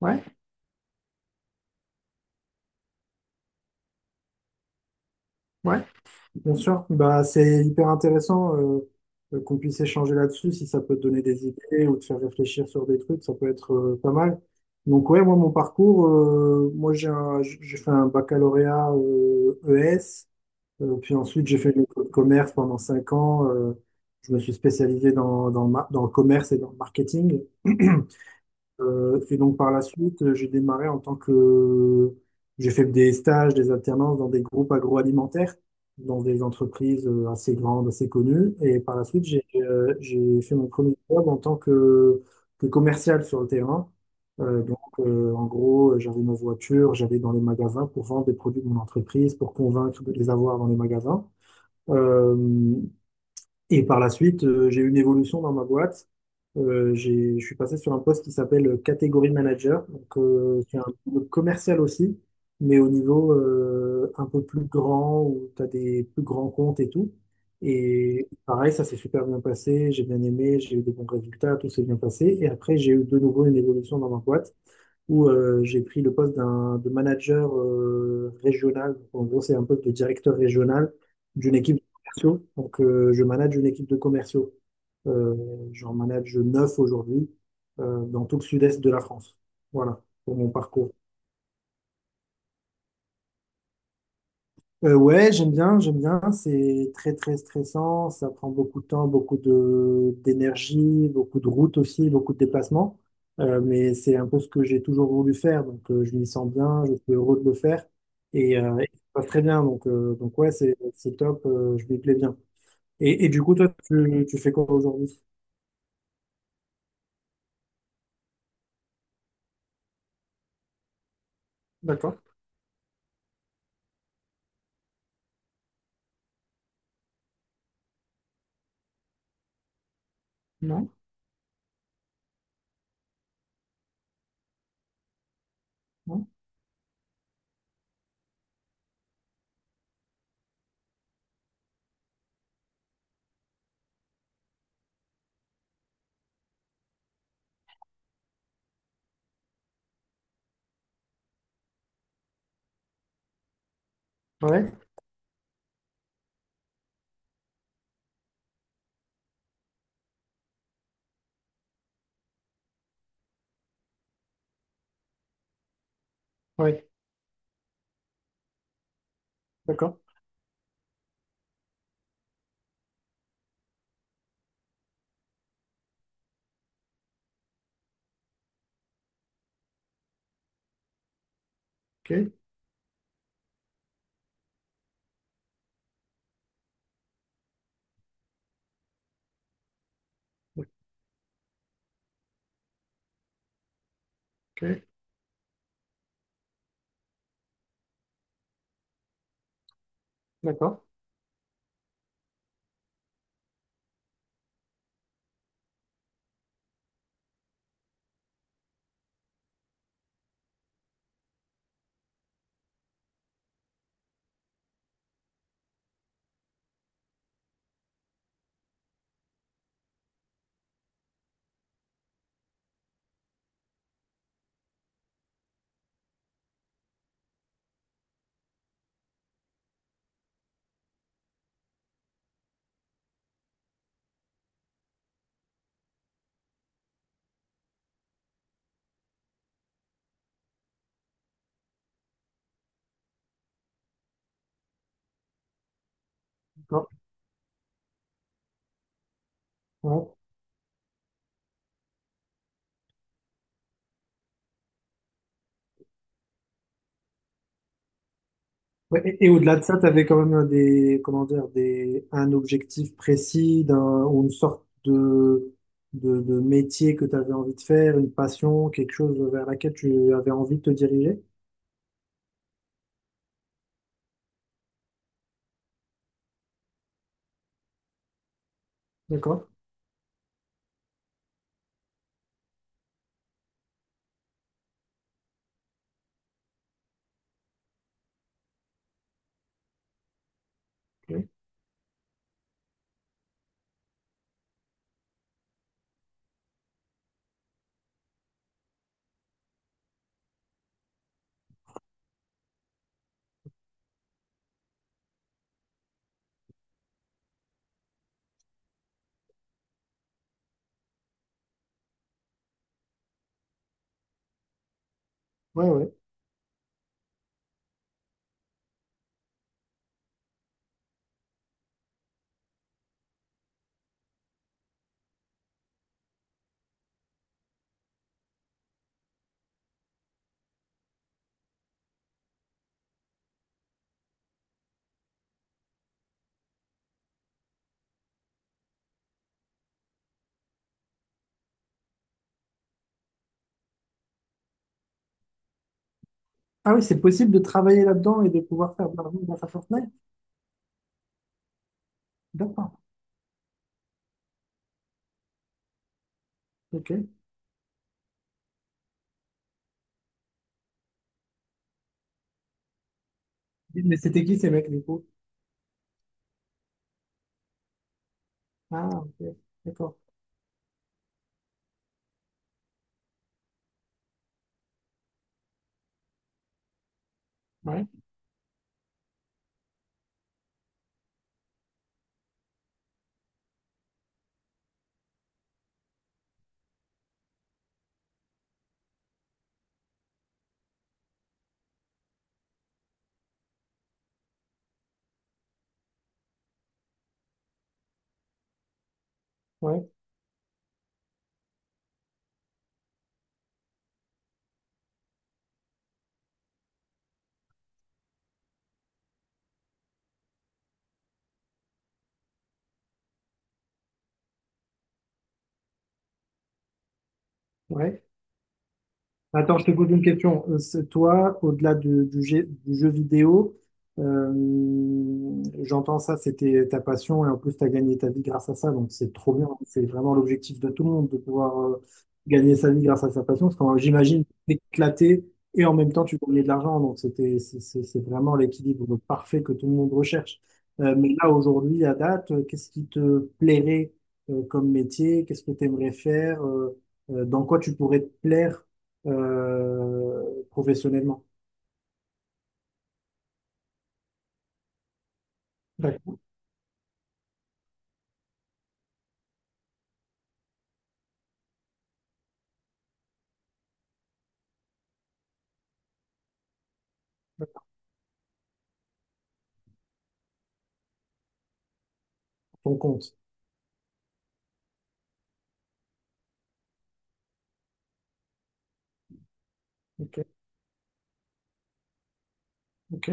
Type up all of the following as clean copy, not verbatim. Ouais, ouais, bien sûr. Bah, c'est hyper intéressant, qu'on puisse échanger là-dessus, si ça peut te donner des idées ou te faire réfléchir sur des trucs, ça peut être pas mal. Donc ouais, moi mon parcours, moi j'ai fait un baccalauréat ES, puis ensuite j'ai fait une école de commerce pendant cinq ans. Je me suis spécialisé dans dans le commerce et dans le marketing. Et donc par la suite, j'ai démarré en tant que... J'ai fait des stages, des alternances dans des groupes agroalimentaires, dans des entreprises assez grandes, assez connues. Et par la suite, j'ai fait mon premier job en tant que commercial sur le terrain. En gros, j'avais ma voiture, j'allais dans les magasins pour vendre des produits de mon entreprise, pour convaincre de les avoir dans les magasins. Euh, et par la suite, j'ai eu une évolution dans ma boîte. Je suis passé sur un poste qui s'appelle catégorie manager, qui est un peu commercial aussi, mais au niveau un peu plus grand, où tu as des plus grands comptes et tout. Et pareil, ça s'est super bien passé, j'ai bien aimé, j'ai eu de bons résultats, tout s'est bien passé. Et après, j'ai eu de nouveau une évolution dans ma boîte où j'ai pris le poste d'un de manager régional. En gros, c'est un poste de directeur régional d'une équipe de commerciaux. Donc, je manage une équipe de commerciaux. Euh, J'en manage neuf aujourd'hui dans tout le sud-est de la France. Voilà pour mon parcours. Ouais, j'aime bien. C'est très très stressant. Ça prend beaucoup de temps, beaucoup de d'énergie, beaucoup de routes aussi, beaucoup de déplacements. Mais c'est un peu ce que j'ai toujours voulu faire. Donc je m'y sens bien, je suis heureux de le faire et, et ça se passe très bien. Donc ouais, c'est top. Je m'y plais bien. Et du coup, toi, tu fais quoi aujourd'hui? D'accord. Non? Non? Ouais. Ouais. D'accord. Ok. Ok. D'accord. D'accord. Ouais. Ouais, et au-delà de ça, tu avais quand même des, comment dire, des, un objectif précis ou une sorte de métier que tu avais envie de faire, une passion, quelque chose vers laquelle tu avais envie de te diriger. D'accord. Ok. Ouais, ouais. Ah oui, c'est possible de travailler là-dedans et de pouvoir faire de l'argent grâce à Fortnite? D'accord. Ok. Mais c'était qui ces mecs du coup? Ah, ok. D'accord. Ouais, ouais, ouais. Attends, je te pose une question. C'est toi, au-delà du jeu vidéo, euh, j'entends ça, c'était ta passion et en plus tu as gagné ta vie grâce à ça, donc c'est trop bien. C'est vraiment l'objectif de tout le monde de pouvoir gagner sa vie grâce à sa passion, parce que j'imagine éclaté, et en même temps tu gagnais de l'argent, donc c'est vraiment l'équilibre parfait que tout le monde recherche. Mais là aujourd'hui, à date, qu'est-ce qui te plairait comme métier? Qu'est-ce que tu aimerais faire? Dans quoi tu pourrais te plaire professionnellement. D'accord. D'accord. Ton compte. Ok. Ok.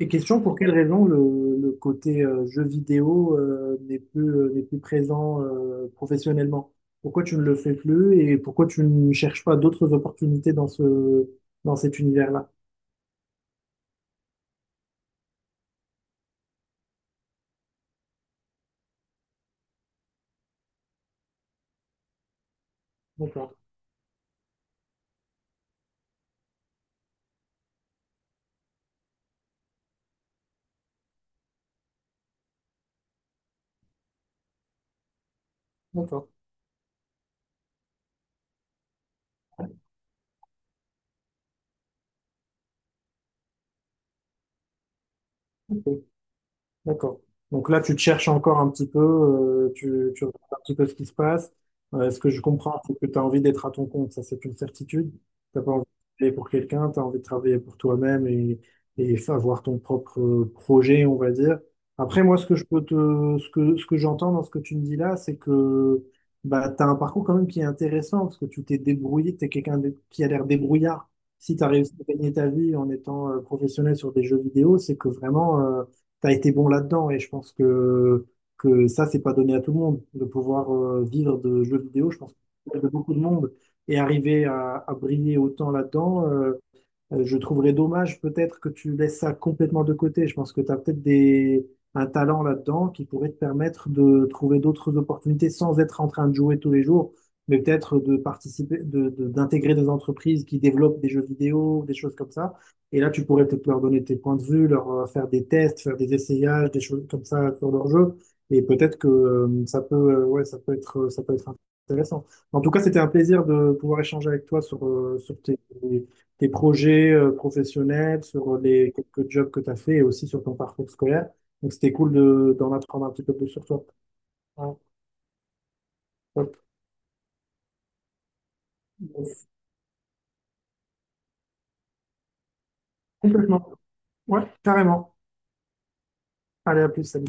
Et question, pour quelle raison le côté jeu vidéo n'est plus présent professionnellement? Pourquoi tu ne le fais plus et pourquoi tu ne cherches pas d'autres opportunités dans dans cet univers-là? D'accord. D'accord. Ok. D'accord. Donc là, tu te cherches encore un petit peu, tu regardes un petit peu ce qui se passe. Ce que je comprends, c'est que tu as envie d'être à ton compte, ça c'est une certitude. Tu pas envie de travailler pour quelqu'un, tu as envie de travailler pour toi-même et avoir ton propre projet, on va dire. Après, moi, ce que je peux te, ce que j'entends dans ce que tu me dis là, c'est que bah, tu as un parcours quand même qui est intéressant parce que tu t'es débrouillé, tu es qui a l'air débrouillard. Si tu as réussi à gagner ta vie en étant professionnel sur des jeux vidéo, c'est que vraiment t'as été bon là-dedans, et je pense que ça, c'est pas donné à tout le monde de pouvoir vivre de jeux vidéo. Je pense que de beaucoup de monde et arriver à briller autant là-dedans. Je trouverais dommage peut-être que tu laisses ça complètement de côté. Je pense que tu as peut-être des... un talent là-dedans qui pourrait te permettre de trouver d'autres opportunités sans être en train de jouer tous les jours, mais peut-être de participer, d'intégrer des entreprises qui développent des jeux vidéo, des choses comme ça. Et là, tu pourrais peut-être leur donner tes points de vue, leur faire des tests, faire des essayages, des choses comme ça sur leur jeu. Et peut-être que ouais, ça peut être intéressant. En tout cas, c'était un plaisir de pouvoir échanger avec toi sur, sur tes projets professionnels, sur les quelques jobs que tu as fait et aussi sur ton parcours scolaire. Donc, c'était cool de, d'en apprendre un petit peu plus sur toi. Ouais, top. Complètement. Ouais, carrément. Allez, à plus, salut.